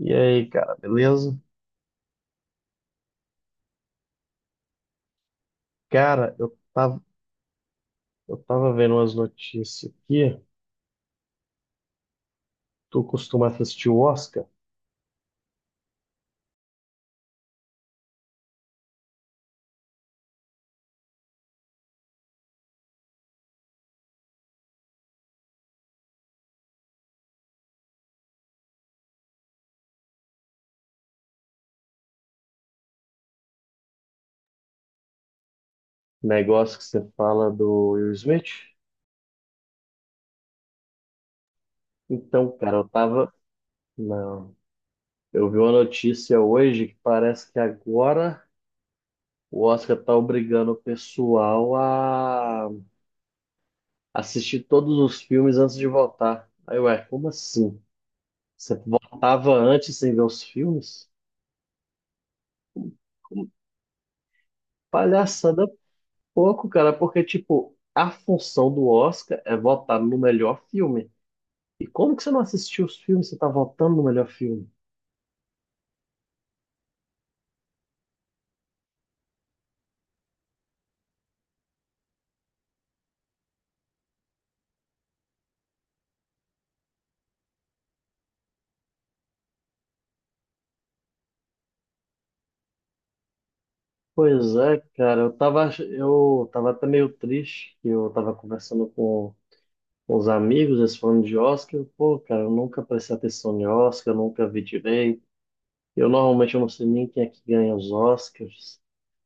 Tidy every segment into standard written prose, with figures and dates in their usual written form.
E aí, cara, beleza? Cara, eu tava vendo umas notícias aqui. Tu costuma assistir o Oscar? Negócio que você fala do Will Smith? Então, cara, eu tava. Não. Eu vi uma notícia hoje que parece que agora o Oscar tá obrigando o pessoal a assistir todos os filmes antes de votar. Aí, ué, como assim? Você votava antes sem ver os filmes? Palhaçada pouco, cara, porque, tipo, a função do Oscar é votar no melhor filme. E como que você não assistiu os filmes? Você tá votando no melhor filme? Pois é, cara, eu tava até meio triste que eu tava conversando com os amigos, eles falando de Oscar. Eu, pô, cara, eu nunca prestei atenção em Oscar, eu nunca vi direito. Eu normalmente eu não sei nem quem é que ganha os Oscars.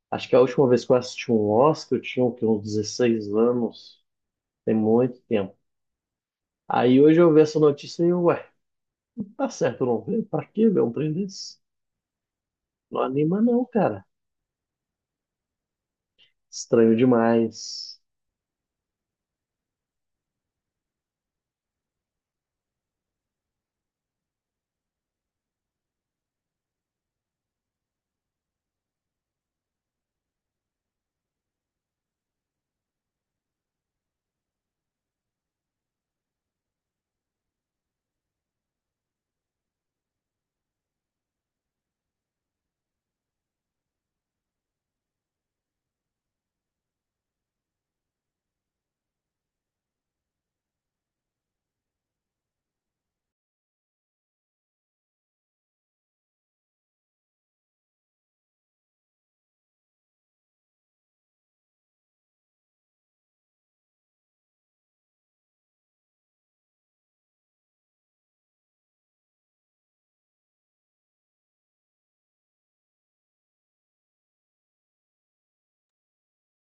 Acho que a última vez que eu assisti um Oscar, eu tinha o quê, uns 16 anos, tem muito tempo. Aí hoje eu vi essa notícia e, ué. Tá certo, não vê? Pra que ver um trem desse? Não anima, não, cara. Estranho demais.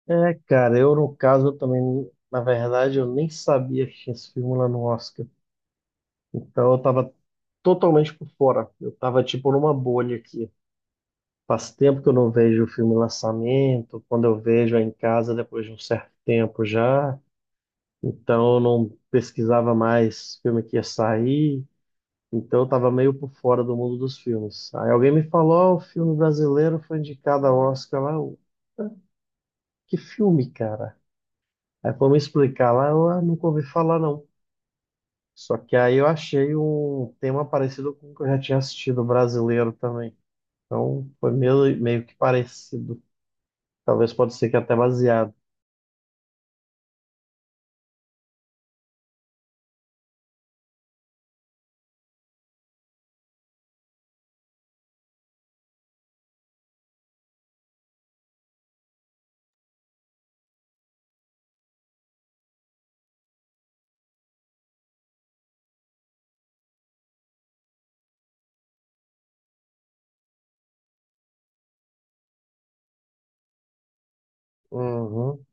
É, cara, eu no caso eu também, na verdade, eu nem sabia que tinha esse filme lá no Oscar. Então eu tava totalmente por fora. Eu tava tipo numa bolha aqui. Faz tempo que eu não vejo o filme lançamento, quando eu vejo é em casa depois de um certo tempo já. Então eu não pesquisava mais filme que ia sair. Então eu tava meio por fora do mundo dos filmes. Aí alguém me falou, ó, o filme brasileiro foi indicado ao Oscar lá. Eu, "Ah, que filme, cara?" Aí foi me explicar lá, eu "Ah, nunca ouvi falar, não." Só que aí eu achei um tema parecido com o que eu já tinha assistido brasileiro também. Então foi meio que parecido. Talvez pode ser que até baseado. Uhum.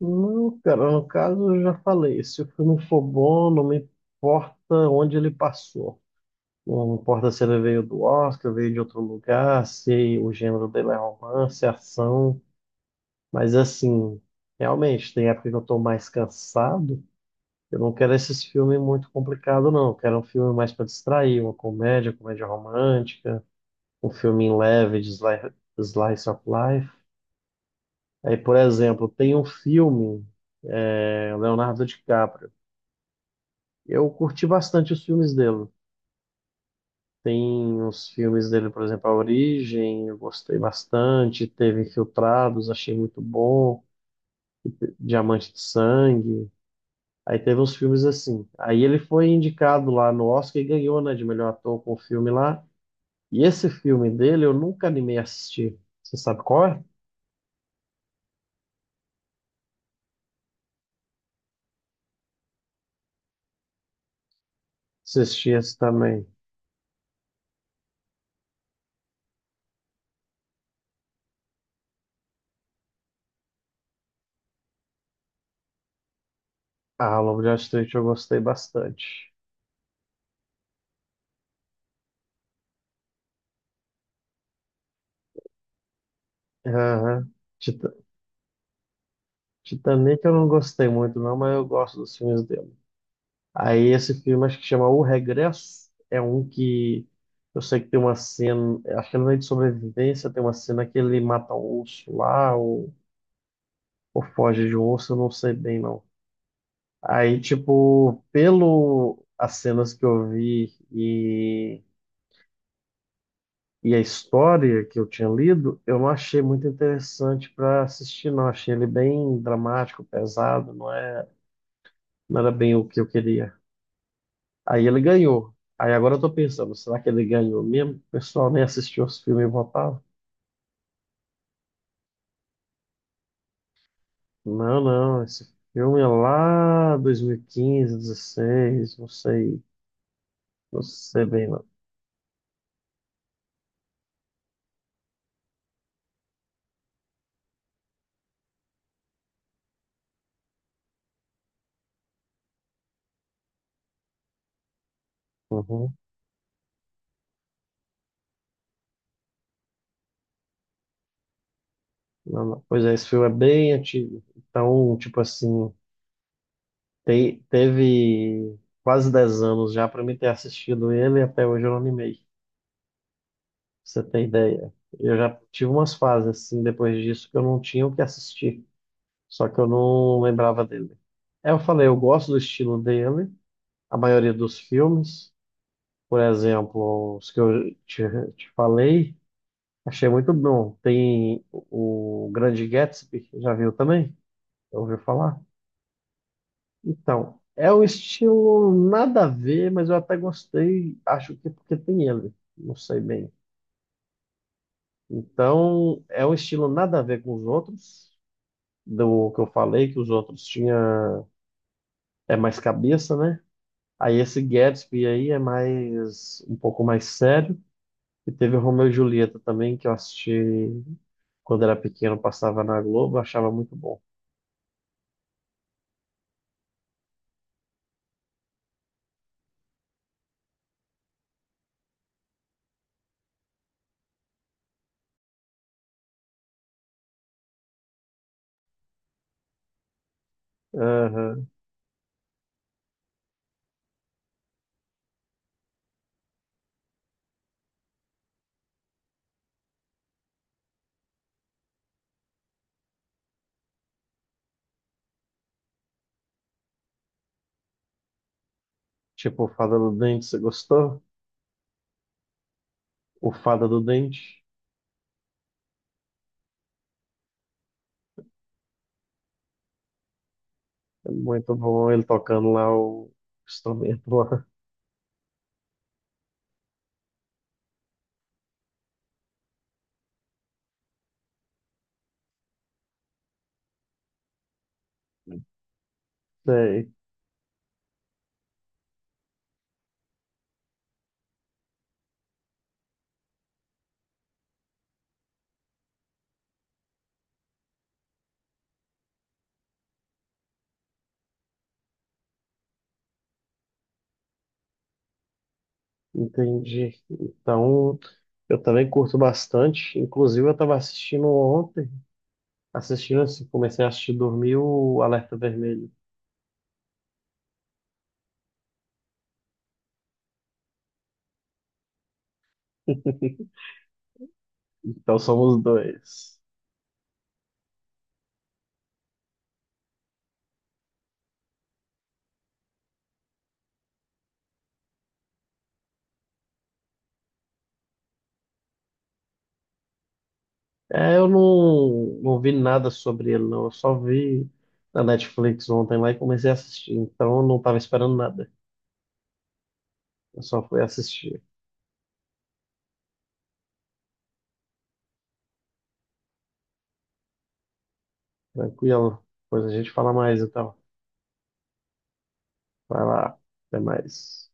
Não, cara, no caso eu já falei, se o filme for bom, não me importa onde ele passou. Não importa se ele veio do Oscar, veio de outro lugar, se o gênero dele é romance, ação. Mas assim, realmente, tem época que eu tô mais cansado. Eu não quero esses filmes muito complicados, não. Eu quero um filme mais para distrair, uma comédia, comédia romântica, um filme leve slice of life. Aí, por exemplo, tem um filme, é, Leonardo DiCaprio. Eu curti bastante os filmes dele. Tem os filmes dele, por exemplo, A Origem, eu gostei bastante. Teve Infiltrados, achei muito bom. Diamante de Sangue. Aí teve uns filmes assim. Aí ele foi indicado lá no Oscar e ganhou, né, de melhor ator com o filme lá. E esse filme dele eu nunca animei a assistir. Você sabe qual é? Assisti esse também. Ah, Lobo de Wall Street eu gostei bastante. Aham. Tita- Titanic eu não gostei muito, não, mas eu gosto dos filmes dele. Aí esse filme acho que chama O Regresso, é um que eu sei que tem uma cena, acho que não é de sobrevivência, tem uma cena que ele mata um urso lá, ou foge de um urso, eu não sei bem não. Aí, tipo, pelo as cenas que eu vi e a história que eu tinha lido, eu não achei muito interessante para assistir, não. Achei ele bem dramático, pesado, não é, não era bem o que eu queria. Aí ele ganhou. Aí agora eu tô pensando, será que ele ganhou mesmo? O pessoal nem assistiu os filmes e votava? Não, não, esse filme é lá 2015, 16, não sei, não sei bem não. Uhum, não, não. Pois é, esse filme é bem antigo. Então, tipo assim, teve quase 10 anos já para mim ter assistido ele e até hoje eu não animei, pra você ter ideia. Eu já tive umas fases assim depois disso que eu não tinha o que assistir. Só que eu não lembrava dele. É, eu falei, eu gosto do estilo dele, a maioria dos filmes, por exemplo, os que eu te falei, achei muito bom. Tem o Grande Gatsby, já viu também? Já ouviu falar? Então, é um estilo nada a ver, mas eu até gostei, acho que porque tem ele, não sei bem. Então, é um estilo nada a ver com os outros, do que eu falei, que os outros tinha é mais cabeça, né? Aí esse Gatsby aí é mais um pouco mais sério. E teve o Romeu e Julieta também, que eu assisti quando era pequeno, passava na Globo, achava muito bom. Aham. Tipo, o Fada do Dente, você gostou? O Fada do Dente, é muito bom ele tocando lá o instrumento lá. Sei, entendi. Então, eu também curto bastante. Inclusive, eu estava assistindo ontem, assistindo assim, comecei a assistir dormir o Alerta Vermelho. Então, somos dois. É, eu não vi nada sobre ele, não. Eu só vi na Netflix ontem lá e comecei a assistir. Então eu não estava esperando nada. Eu só fui assistir. Tranquilo. Depois a gente fala mais, então. Vai lá. Até mais.